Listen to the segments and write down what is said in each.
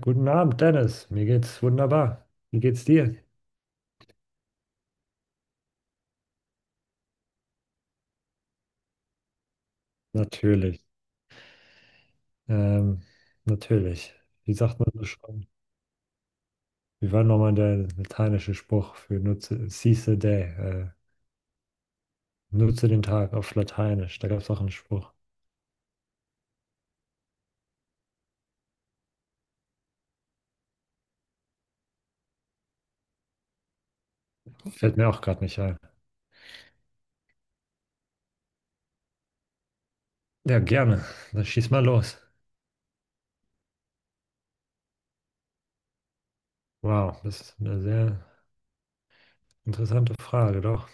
Guten Abend, Dennis. Mir geht's wunderbar. Wie geht's dir? Natürlich. Ähm, natürlich. Wie sagt man so schon? Wie war nochmal der lateinische Spruch für nutze, seize the day? Nutze den Tag auf Lateinisch. Da gab es auch einen Spruch. Fällt mir auch gerade nicht ein. Ja, gerne. Dann schieß mal los. Wow, das ist eine sehr interessante Frage, doch.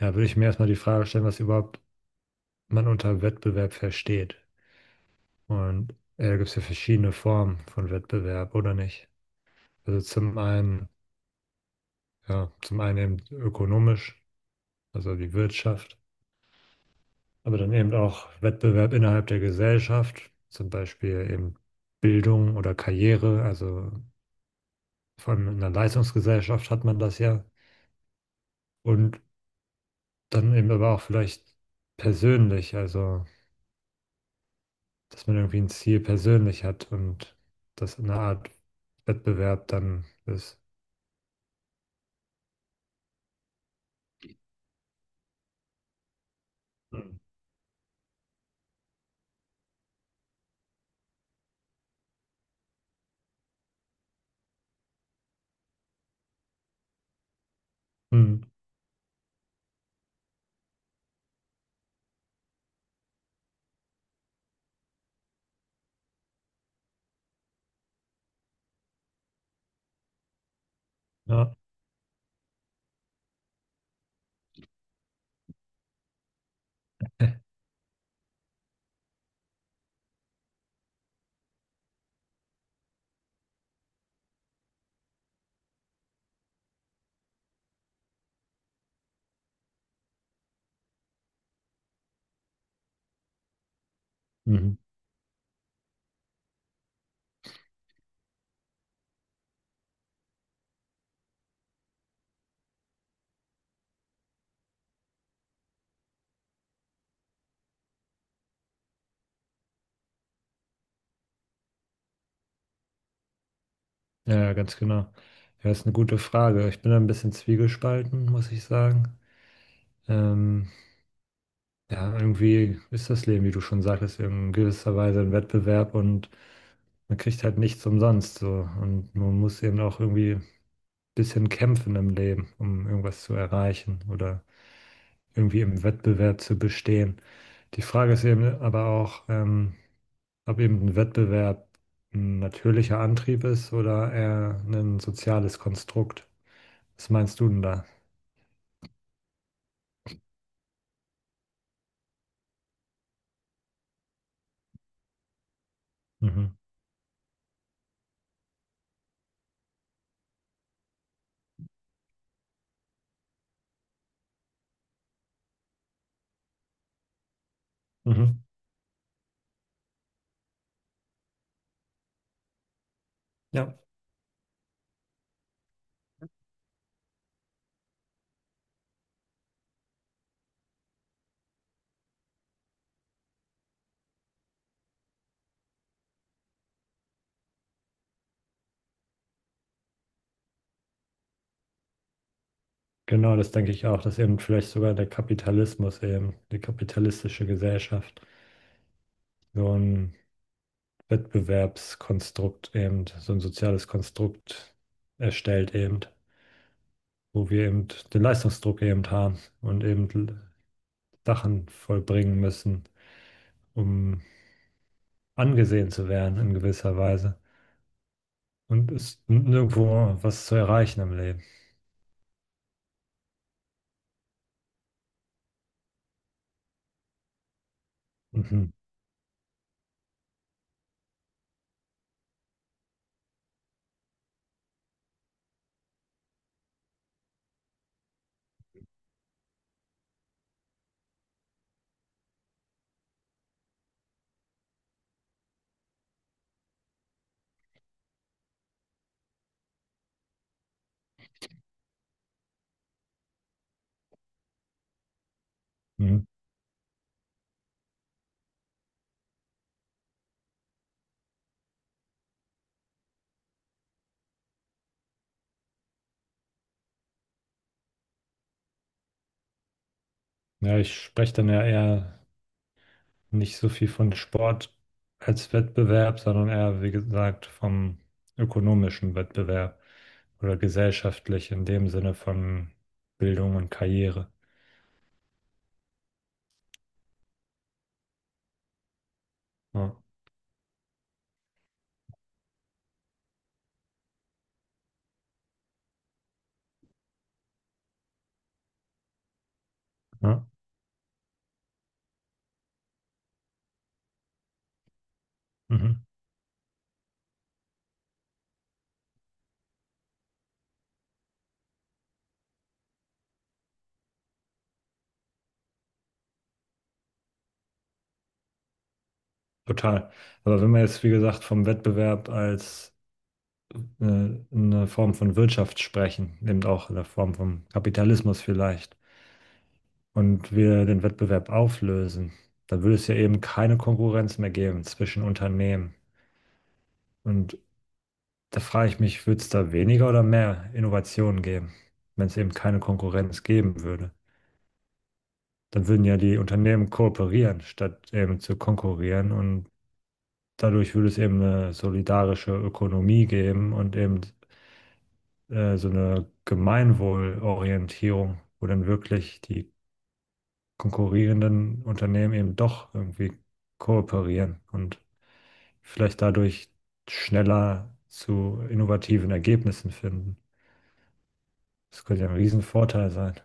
Ja, würde ich mir erstmal die Frage stellen, was überhaupt man unter Wettbewerb versteht. Und da gibt es ja verschiedene Formen von Wettbewerb, oder nicht? Also zum einen, ja, zum einen eben ökonomisch, also die Wirtschaft, aber dann eben auch Wettbewerb innerhalb der Gesellschaft, zum Beispiel eben Bildung oder Karriere, also vor allem in einer Leistungsgesellschaft hat man das ja. Und dann eben aber auch vielleicht persönlich, also dass man irgendwie ein Ziel persönlich hat und das eine Art Wettbewerb dann ist. Mhm. Ja. Mhm. Ja, ja, ganz genau. Ja, ist eine gute Frage. Ich bin da ein bisschen zwiegespalten, muss ich sagen. Ähm, ja, irgendwie ist das Leben, wie du schon sagtest, in gewisser Weise ein Wettbewerb und man kriegt halt nichts umsonst so. Und man muss eben auch irgendwie ein bisschen kämpfen im Leben, um irgendwas zu erreichen oder irgendwie im Wettbewerb zu bestehen. Die Frage ist eben aber auch, ob eben ein Wettbewerb ein natürlicher Antrieb ist oder eher ein soziales Konstrukt. Was meinst du denn da? Mhm. Mhm. Ja, genau, das denke ich auch, dass eben vielleicht sogar der Kapitalismus eben, die kapitalistische Gesellschaft, so ein Wettbewerbskonstrukt eben, so ein soziales Konstrukt erstellt eben, wo wir eben den Leistungsdruck eben haben und eben Sachen vollbringen müssen, um angesehen zu werden in gewisser Weise und ist nirgendwo was zu erreichen im Leben. Mhm. Mhm. Ja, ich spreche dann ja eher nicht so viel von Sport als Wettbewerb, sondern eher, wie gesagt, vom ökonomischen Wettbewerb oder gesellschaftlich in dem Sinne von Bildung und Karriere. Ja, ja, mhm, total. Aber wenn wir jetzt, wie gesagt, vom Wettbewerb als äh, eine Form von Wirtschaft sprechen, eben auch in der Form von Kapitalismus vielleicht, und wir den Wettbewerb auflösen, dann würde es ja eben keine Konkurrenz mehr geben zwischen Unternehmen. Und da frage ich mich, würde es da weniger oder mehr Innovationen geben, wenn es eben keine Konkurrenz geben würde? Dann würden ja die Unternehmen kooperieren, statt eben zu konkurrieren. Und dadurch würde es eben eine solidarische Ökonomie geben und eben so eine Gemeinwohlorientierung, wo dann wirklich die konkurrierenden Unternehmen eben doch irgendwie kooperieren und vielleicht dadurch schneller zu innovativen Ergebnissen finden. Das könnte ja ein Riesenvorteil sein.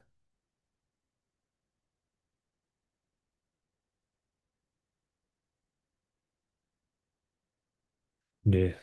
Nee,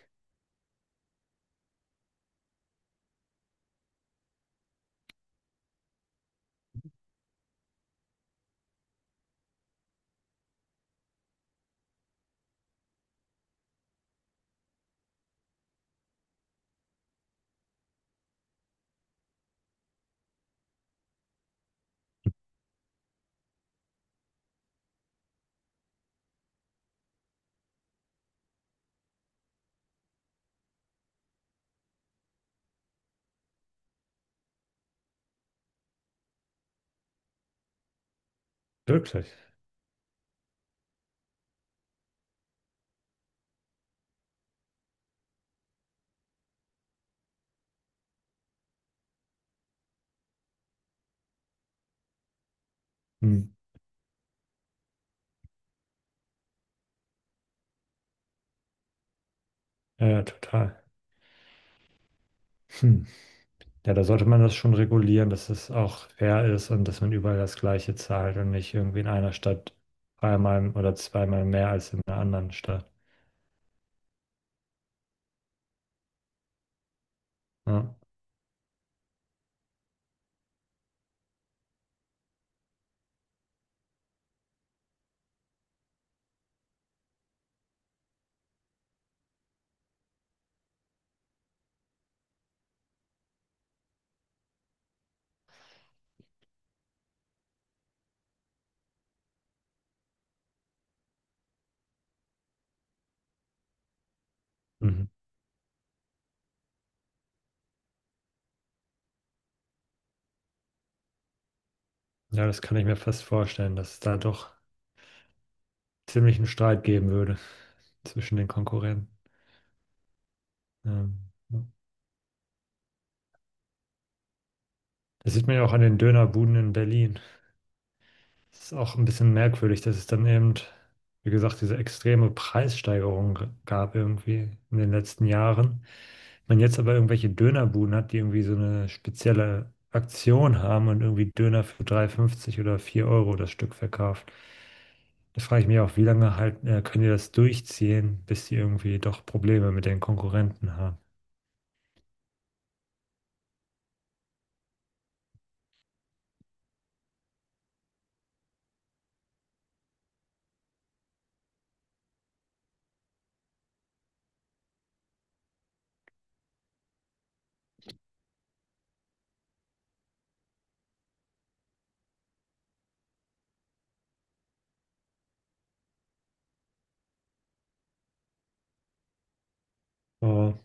wirklich. Hm. Ja, ja, total. Hm. Ja, da sollte man das schon regulieren, dass es auch fair ist und dass man überall das Gleiche zahlt und nicht irgendwie in einer Stadt dreimal oder zweimal mehr als in einer anderen Stadt. Ja, mhm. Ja, das kann ich mir fast vorstellen, dass es da doch ziemlich einen Streit geben würde zwischen den Konkurrenten. Ähm, ja. Das sieht man ja auch an den Dönerbuden in Berlin. Das ist auch ein bisschen merkwürdig, dass es dann eben, wie gesagt, diese extreme Preissteigerung gab irgendwie in den letzten Jahren. Man jetzt aber irgendwelche Dönerbuden hat, die irgendwie so eine spezielle Aktion haben und irgendwie Döner für 3,50 oder 4 Euro das Stück verkauft. Da frage ich mich auch, wie lange halt, können die das durchziehen, bis die irgendwie doch Probleme mit den Konkurrenten haben. Oh,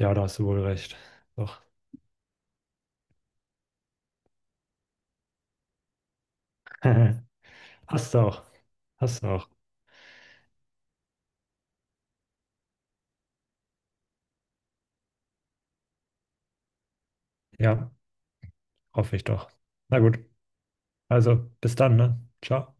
ja, da hast du wohl recht. Doch. Hast du auch. Hast du auch. Ja, hoffe ich doch. Na gut. Also, bis dann, ne? Ciao.